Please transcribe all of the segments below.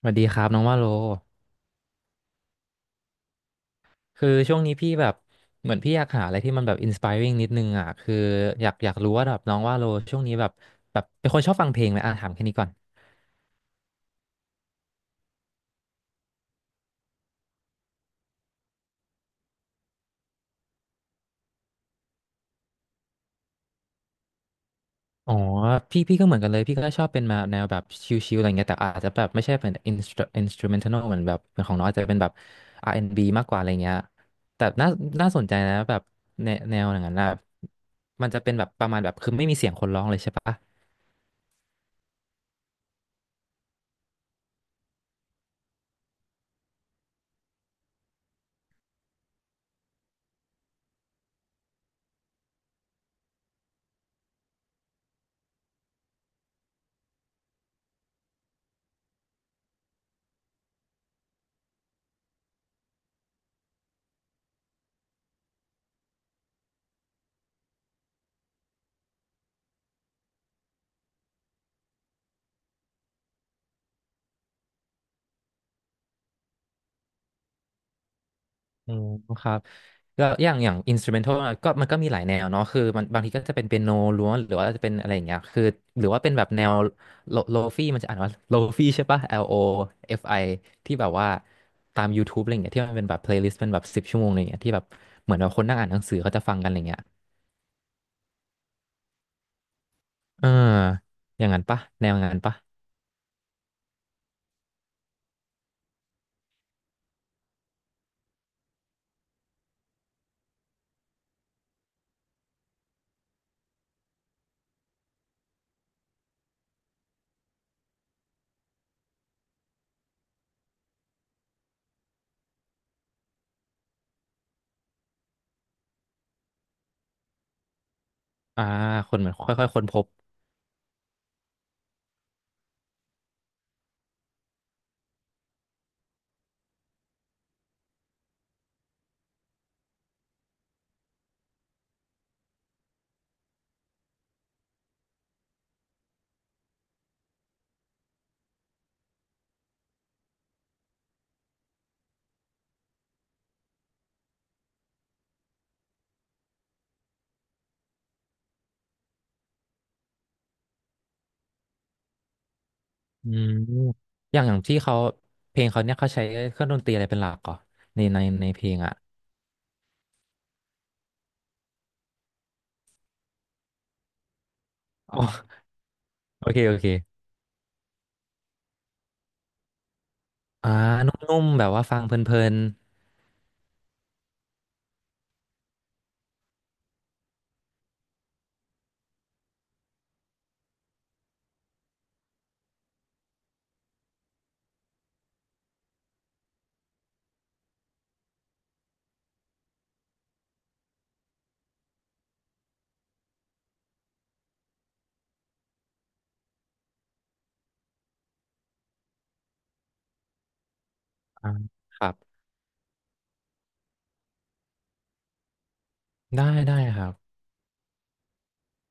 สวัสดีครับน้องว่าโลคือช่วงนี้พี่แบบเหมือนพี่อยากหาอะไรที่มันแบบอินส p i r ริ g งนิดนึงอ่ะคืออยากรู้ว่าแบบน้องว่าโลช่วงนี้แบบเป็นคนชอบฟังเพลงไหมอ่ะถามแค่นี้ก่อนอ๋อพี่ก็เหมือนกันเลยพี่ก็ชอบเป็นมาแนวแบบชิลๆอะไรเงี้ยแต่อาจจะแบบไม่ใช่เป็นอินสตร i n s t r u m e n t a l เหมือนแบบเหมือนของน้องอาจจะเป็นแบบ R&B มากกว่าอะไรเงี้ยแต่น่าสนใจนะแบบแนวอย่างนั้นนะมันจะเป็นแบบประมาณแบบคือไม่มีเสียงคนร้องเลยใช่ปะ อืมครับแล้วอย่างอินสตูเมนทัลก็มันก็มีหลายแนวเนาะคือมันบางทีก็จะเป็นเปียโนล้วนหรือว่าจะเป็นอะไรอย่างเงี้ยคือหรือว่าเป็นแบบแนวโลฟี่มันจะอ่านว่าโลฟี่ใช่ปะ L O F I ที่แบบว่าตาม YouTube อะไรเงี้ยที่มันเป็นแบบเพลย์ลิสต์เป็นแบบสิบชั่วโมงอะไรเงี้ยที่แบบเหมือนแบบคนนั่งอ่านหนังสือเขาจะฟังกันอะไรเงี้ยเอออย่างนั้นปะแนวงานปะอ่าคนเหมือนค่อยๆค้นพบอืมอย่างที่เขาเพลงเขาเนี่ยเขาใช้เครื่องดนตรีอะไรเป็นหลักก่อนในเพลงอ่ะอ๋อ โอเคโอเคอ่านุ่มๆแบบว่าฟังเพลินๆอ่าครับ ได้ได้ครับ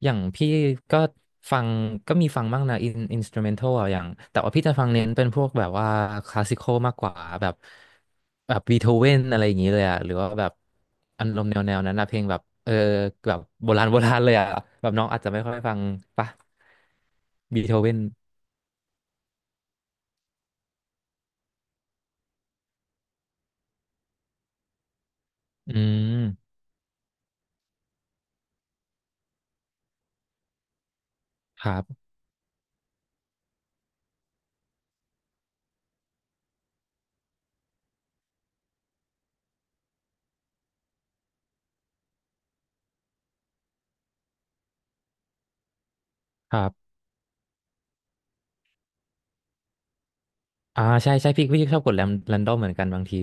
อย่างพี่ก็ฟังก็มีฟังบ้างนะอินอินสตูเมนทัลอย่างแต่ว่าพี่จะฟังเน้นเป็นพวกแบบว่าคลาสสิคอลมากกว่าแบบแบบบีโธเวนอะไรอย่างนี้เลยอะหรือว่าแบบอารมณ์แนวนั้นนะเพลงแบบเออแบบโบราณ โบราณเลยอะแบบน้องอาจจะไม่ค่อยฟังปะบีโธเวนอืมครับครับอ่าใช่ใช่พี่ชอบกดแรนดอมเหมือนกันบางที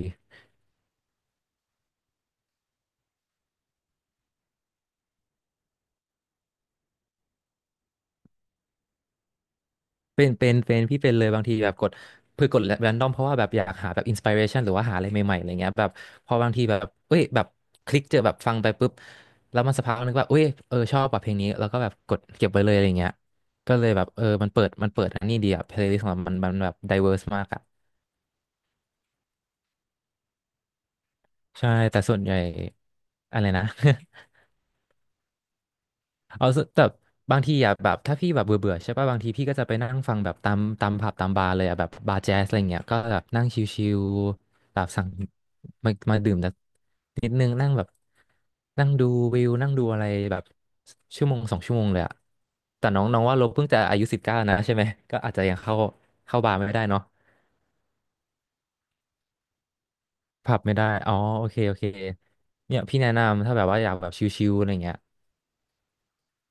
เป็นพี่เป็นเลยบางทีแบบกดเพื่อกดแรนดอมเพราะว่าแบบอยากหาแบบอินส i r เรชันหรือว่าหาอะไรใหม่ๆอะไรเงี้ยแบบพอบางทีแบบเอ้ยแบบคลิกเจอแบบฟังไปปุ๊บแล้วมันสักพักนึงว่าเอ้ยเออชอบแบบเพลงนี้แล้วก็แบบกดเก็บไว้เลยอะไรเงี้ยก็เลยแบบเออมันเปิดอันนี้ดีอะเพลย์ลิสต์ของเรามันแบบไดเวอร์สมากอะใช่แต่ส่วนใหญ่อะไรนะ เอาสแต่บางทีอ่ะแบบถ้าพี่แบบเบื่อเบื่อใช่ป่ะบางทีพี่ก็จะไปนั่งฟังแบบตามผับตามบาร์เลยอ่ะแบบบาร์แจ๊สอะไรเงี้ยก็แบบนั่งชิลๆแบบสั่งมาดื่มแต่นิดนึงนั่งแบบนั่งดูวิวนั่งดูอะไรแบบชั่วโมงสองชั่วโมงเลยอ่ะแต่น้องน้องว่าเราเพิ่งจะอายุสิบเก้านะใช่ไหมก็อาจจะยังเข้าเข้าบาร์ไม่ได้เนาะผับไม่ได้อ๋อโอเคโอเคเนี่ยพี่แนะนำถ้าแบบว่าอยากแบบชิลๆอะไรเงี้ย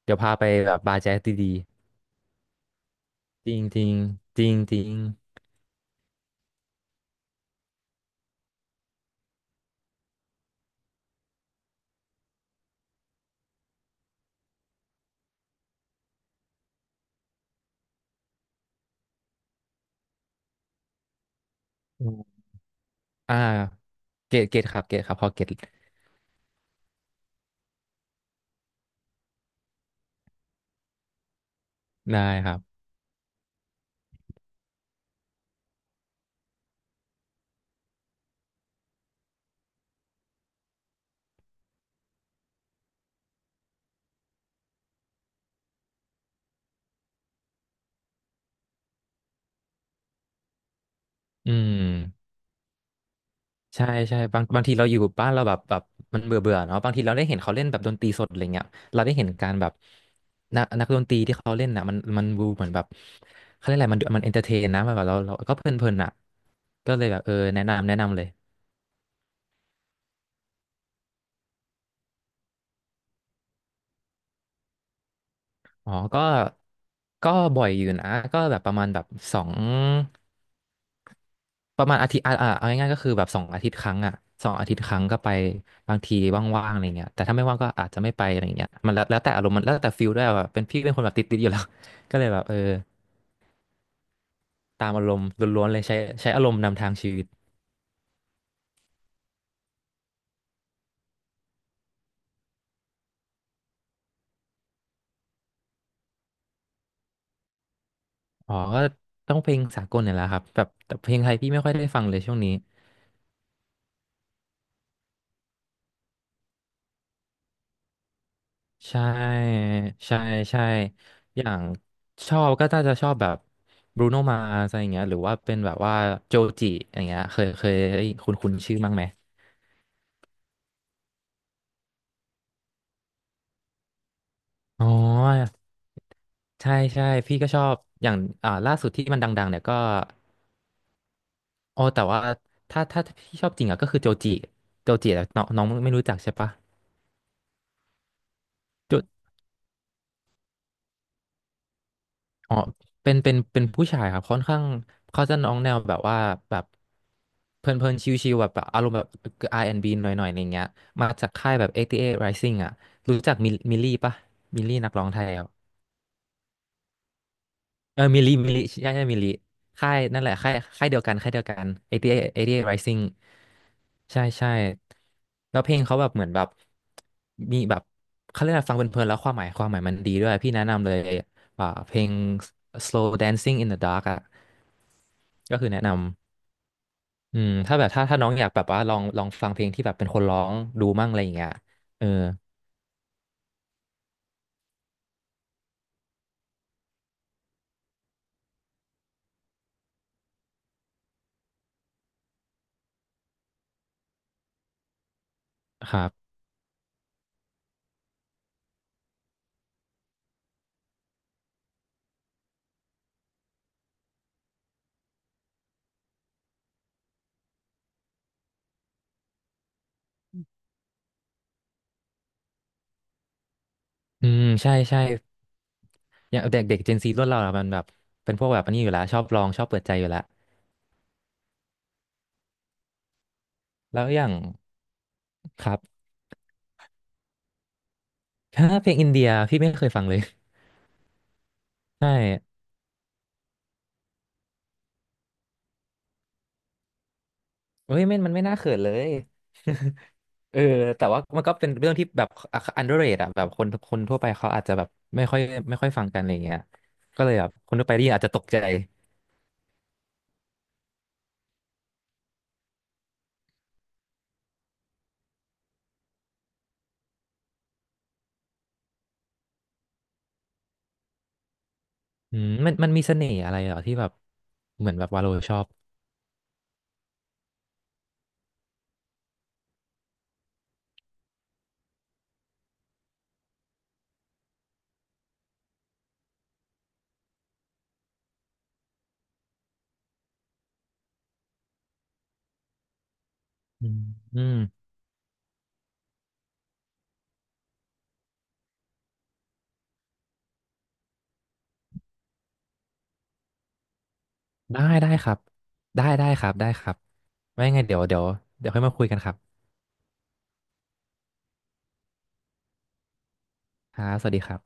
เดี๋ยวพาไปแบบบาร์แจ๊สดีๆจริงจริงจริงจริง อืมอ่าเกตเกตครับเกตครับพอเกตได้ครับอืมใช่ใช่บางทีเราอยู่บ้านเราแบบแบบมันเบื่อเบื่อเนาะบางทีเราได้เห็นเขาเล่นแบบดนตรีสดอะไรเงี้ยเราได้เห็นการแบบนักดนตรีที่เขาเล่นน่ะมันดูเหมือนแบบเขาเรียกอะไรมันเอนเตอร์เทนนะมันแบบเราก็เพลินเพลินอ่ะก็เลยแบบเออแนะนำแนะนำเลยอ๋อก็บ่อยอยู่นะก็แบบประมาณแบบสอง ประมาณอาทิตย์อ่าอ่าเอาง่ายๆก็คือแบบสองอาทิตย์ครั้งอ่ะสองอาทิตย์ครั้งก็ไปบางทีว่างๆอะไรเงี้ยแต่ถ้าไม่ว่างก็อาจจะไม่ไปอะไรเงี้ยมันแล้วแล้วแต่อารมณ์มันแล้วแต่ฟิลด้วยแบบเป็นพี่เป็นคนแบบติดๆอยู่แล้ว ก็เลยแบบเออตามอารมณ์ล้วนๆเลยใช้อารมณ์นำทางชีวิตอ๋อก็ต้องเพลงสากลเนี่ยแหละครับแบบแต่เพลงไทยพี่ไม่ค่อยได้ฟังเลยช่วงนี้ใช่ใช่ใช่อย่างชอบก็น่าจะชอบแบบบรูโนมา s อะไรอย่างเงี้ยหรือว่าเป็นแบบว่าโจจิอย่างเงี้ยเคยเคยคุ้นคุ้นๆชื่อบ้างไหม อ๋อใช่ใช่พี่ก็ชอบอย่างอ่าล่าสุดที่มันดังๆเนี่ยก็อ๋อแต่ว่าถ้าพี่ชอบจริงอ่ะก็คือโจจิโจจิอะน้องน้องไม่รู้จักใช่ปะโจอ๋อเป็นผู้ชายครับค่อนข้างเขาจะน้องแนวแบบว่าแบบเพลินเพลินชิวๆแบบแบบอารมณ์แบบ R&B หน่อยๆอะไรเงี้ยมาจากค่ายแบบ88 Rising อ่ะรู้จักมิลลี่ปะมิลลี่นักร้องไทยอ่ะ เออมิลลิมิลลิใช่ใช่มิลลิค่ายนั่นแหละค่ายค่ายเดียวกันค่ายเดียวกัน a อ a ี t อ r i s i n ิบแปด Rising ใช่ใช่แล้วเพลงเขาแบบเหมือนแบบมีแบบเขาเรียกอะไรฟังเพลินๆแล้วความหมายมันดีด้วยพี่แนะนำเลยอ่าเพลง Slow Dancing in the Dark อ่ะก็คือแนะนำอืมถ้าแบบถ้าถ้าน้องอยากแบบว่าลองฟังเพลงที่แบบเป็นคนร้องดูมั่งอะไรอย่างเงี้ยเออครับอืมใช่ใช่อย่างเด็กเด็กเจนซีรุ่นเราอะมันแบบเป็นพวกแบบอันนี้อยู่แล้วชอบลองชอบเปิดใจอยู่แล้ว แล้วอย่างครับถ้าเพลงอินเดียพี่ไม่เคยฟังเลย ใช่เฮ้ยไม่มันไม่น่าเขินเลย เออแต่ว่ามันก็เป็นเรื่องที่แบบอ underrated อะแบบคนคนทั่วไปเขาอาจจะแบบไม่ค่อยไม่ค่อยฟังกันอะไรเงี้ยก็เลยแบบคนทั่วไปได้ยินอาจจะตกใจอืมมันมีเสน่ห์อะไรเหรอที่แบบเหมือนแบบวาโลชอบอืมอืมได้ได้ครับได้ได้ครับได้ครับไม่ไงเดี๋ยวเดี๋ยวเดี๋ยวค่อยมาคุยกันครับครับสวัสดีครับ